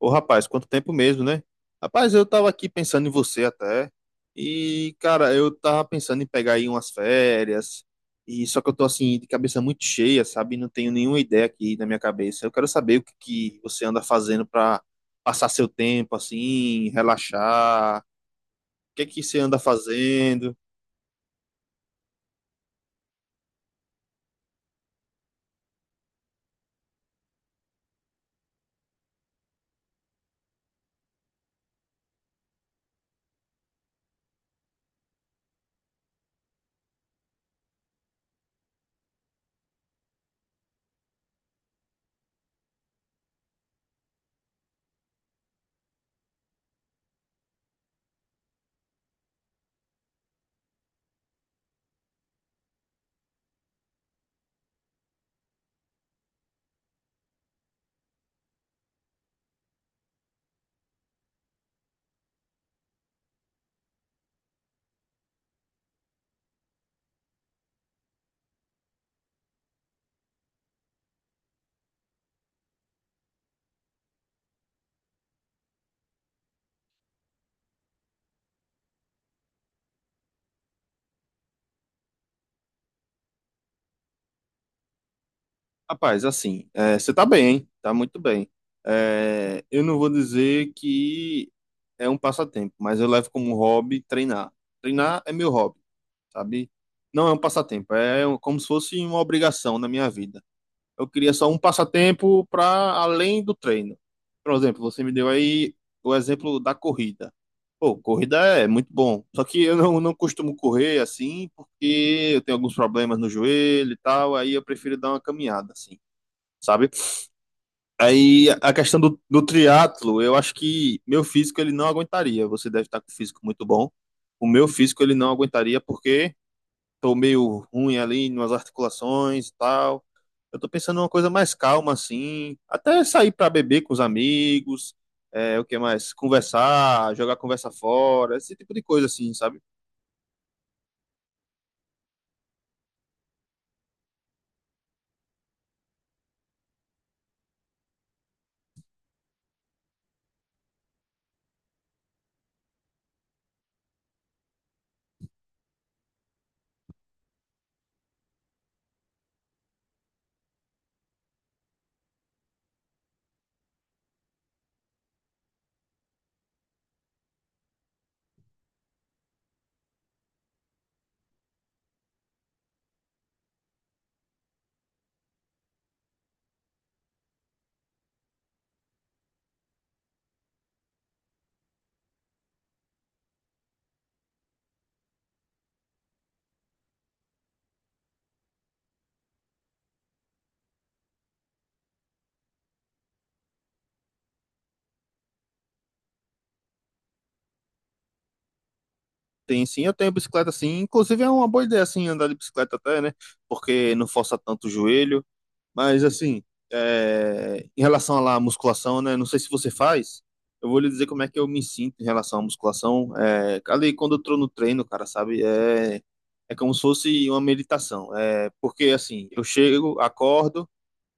Ô, rapaz, quanto tempo mesmo, né? Rapaz, eu tava aqui pensando em você até. E, cara, eu tava pensando em pegar aí umas férias. E só que eu tô assim, de cabeça muito cheia, sabe? Não tenho nenhuma ideia aqui na minha cabeça. Eu quero saber o que que você anda fazendo pra passar seu tempo assim, relaxar. O que que você anda fazendo? Rapaz, assim, é, você tá bem, hein? Tá muito bem. É, eu não vou dizer que é um passatempo, mas eu levo como hobby treinar. Treinar é meu hobby, sabe? Não é um passatempo, é um- como se fosse uma obrigação na minha vida. Eu queria só um passatempo para além do treino. Por exemplo, você me deu aí o exemplo da corrida. Pô, corrida é muito bom. Só que eu não costumo correr assim, porque eu tenho alguns problemas no joelho e tal, aí eu prefiro dar uma caminhada, assim, sabe? Aí a questão do triatlo, eu acho que meu físico ele não aguentaria. Você deve estar com o físico muito bom. O meu físico ele não aguentaria porque tô meio ruim ali nas articulações e tal. Eu tô pensando numa coisa mais calma assim, até sair para beber com os amigos, o que mais? Conversar, jogar conversa fora, esse tipo de coisa assim, sabe? Tem sim, eu tenho bicicleta assim, inclusive é uma boa ideia assim andar de bicicleta até, né? Porque não força tanto o joelho. Mas assim, em relação à lá à musculação, né? Não sei se você faz. Eu vou lhe dizer como é que eu me sinto em relação à musculação. Ali quando eu tô no treino, cara, sabe? É como se fosse uma meditação. Porque assim, eu chego, acordo,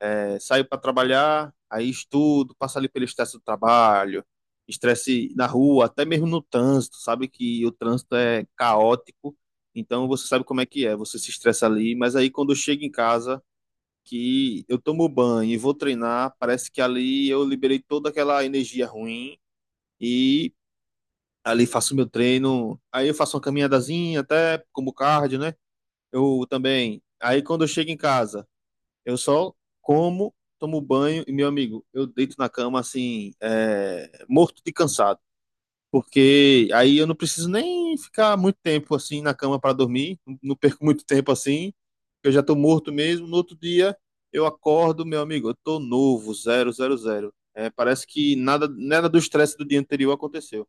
saio para trabalhar, aí estudo, passo ali pelo estresse do trabalho, estresse na rua, até mesmo no trânsito, sabe? Que o trânsito é caótico. Então você sabe como é que é. Você se estressa ali, mas aí quando eu chego em casa que eu tomo banho e vou treinar, parece que ali eu liberei toda aquela energia ruim e ali faço meu treino. Aí eu faço uma caminhadazinha, até como cardio, né? Eu também. Aí quando eu chego em casa, eu só como, tomo banho e, meu amigo, eu deito na cama assim, morto de cansado. Porque aí eu não preciso nem ficar muito tempo assim na cama para dormir, não perco muito tempo assim, eu já tô morto mesmo. No outro dia eu acordo, meu amigo, eu tô novo, zero, zero, zero. Parece que nada, nada do estresse do dia anterior aconteceu.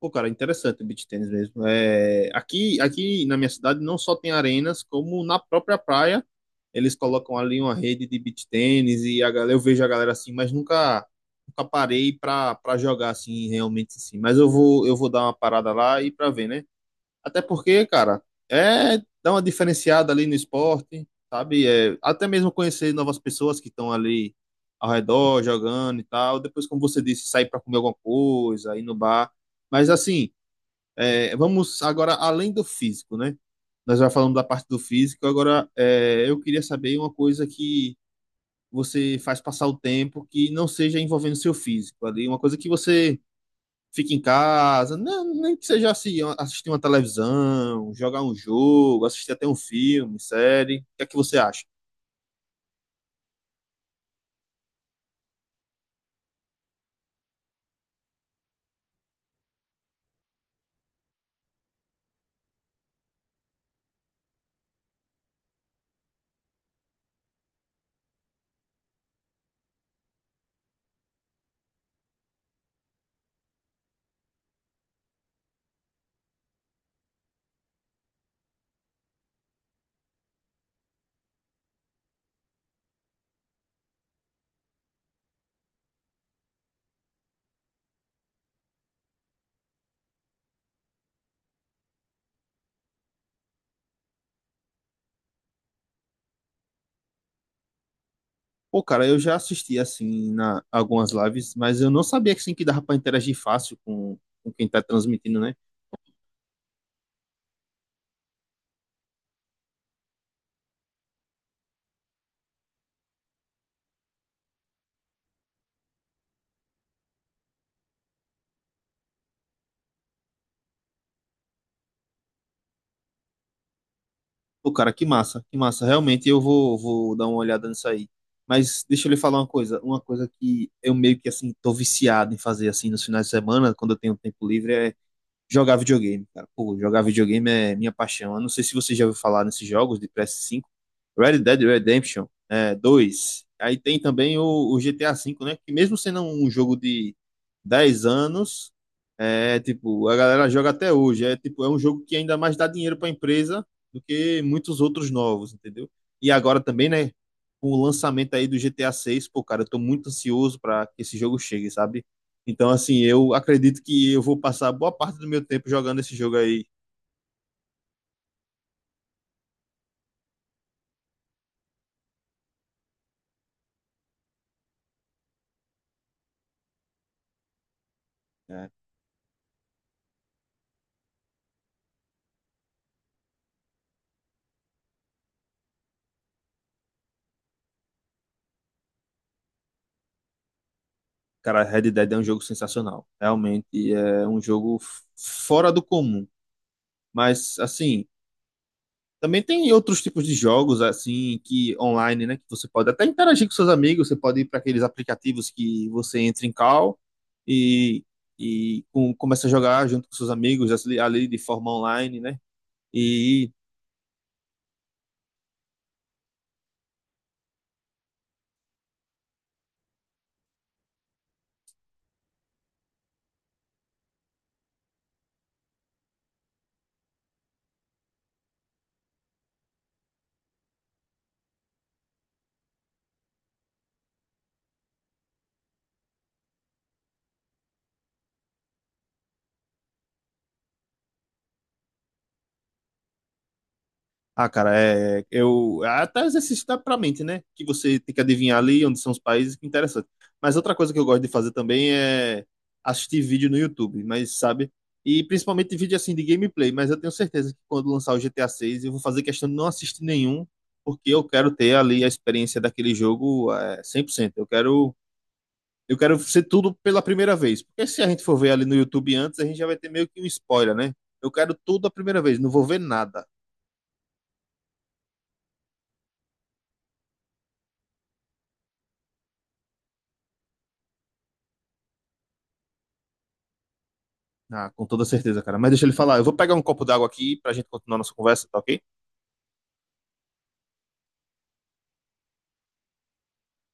Pô, cara, interessante o beach tennis mesmo. Aqui na minha cidade não só tem arenas, como na própria praia eles colocam ali uma rede de beach tennis e a galera, eu vejo a galera assim, mas nunca, nunca parei pra jogar assim realmente assim. Mas eu vou dar uma parada lá e pra ver, né? Até porque, cara, é dar uma diferenciada ali no esporte, sabe? Até mesmo conhecer novas pessoas que estão ali ao redor, jogando e tal. Depois, como você disse, sair para comer alguma coisa, ir no bar. Mas assim, vamos agora além do físico, né? Nós já falamos da parte do físico, agora eu queria saber uma coisa que você faz passar o tempo que não seja envolvendo seu físico ali, uma coisa que você fica em casa, não, nem que seja assim, assistir uma televisão, jogar um jogo, assistir até um filme, série. O que é que você acha? Pô, cara, eu já assisti assim na algumas lives, mas eu não sabia que assim, que dava pra interagir fácil com quem tá transmitindo, né? Pô, cara, que massa, que massa. Realmente eu vou dar uma olhada nisso aí. Mas deixa eu lhe falar uma coisa que eu meio que assim tô viciado em fazer assim nos finais de semana, quando eu tenho tempo livre, é jogar videogame, cara. Pô, jogar videogame é minha paixão. Eu não sei se você já ouviu falar nesses jogos de PS5. Red Dead Redemption 2. Aí tem também o GTA 5, né? Que mesmo sendo um jogo de 10 anos, é tipo, a galera joga até hoje. É tipo, é um jogo que ainda mais dá dinheiro para a empresa do que muitos outros novos, entendeu? E agora também, né? Com o lançamento aí do GTA 6, pô, cara, eu tô muito ansioso para que esse jogo chegue, sabe? Então, assim, eu acredito que eu vou passar boa parte do meu tempo jogando esse jogo aí, né? Cara, Red Dead é um jogo sensacional. Realmente é um jogo fora do comum. Mas, assim, também tem outros tipos de jogos, assim, que online, né? Que você pode até interagir com seus amigos. Você pode ir para aqueles aplicativos que você entra em call e, e começa a jogar junto com seus amigos, assim, ali de forma online, né? E Ah, cara, eu até exercício dá pra mente, né? Que você tem que adivinhar ali onde são os países, que é interessante. Mas outra coisa que eu gosto de fazer também é assistir vídeo no YouTube, mas sabe? E principalmente vídeo assim de gameplay, mas eu tenho certeza que quando lançar o GTA 6 eu vou fazer questão de não assistir nenhum, porque eu quero ter ali a experiência daquele jogo 100%. Eu quero ser tudo pela primeira vez, porque se a gente for ver ali no YouTube antes, a gente já vai ter meio que um spoiler, né? Eu quero tudo a primeira vez, não vou ver nada. Ah, com toda certeza, cara. Mas deixa ele falar. Eu vou pegar um copo d'água aqui pra gente continuar nossa conversa, tá ok?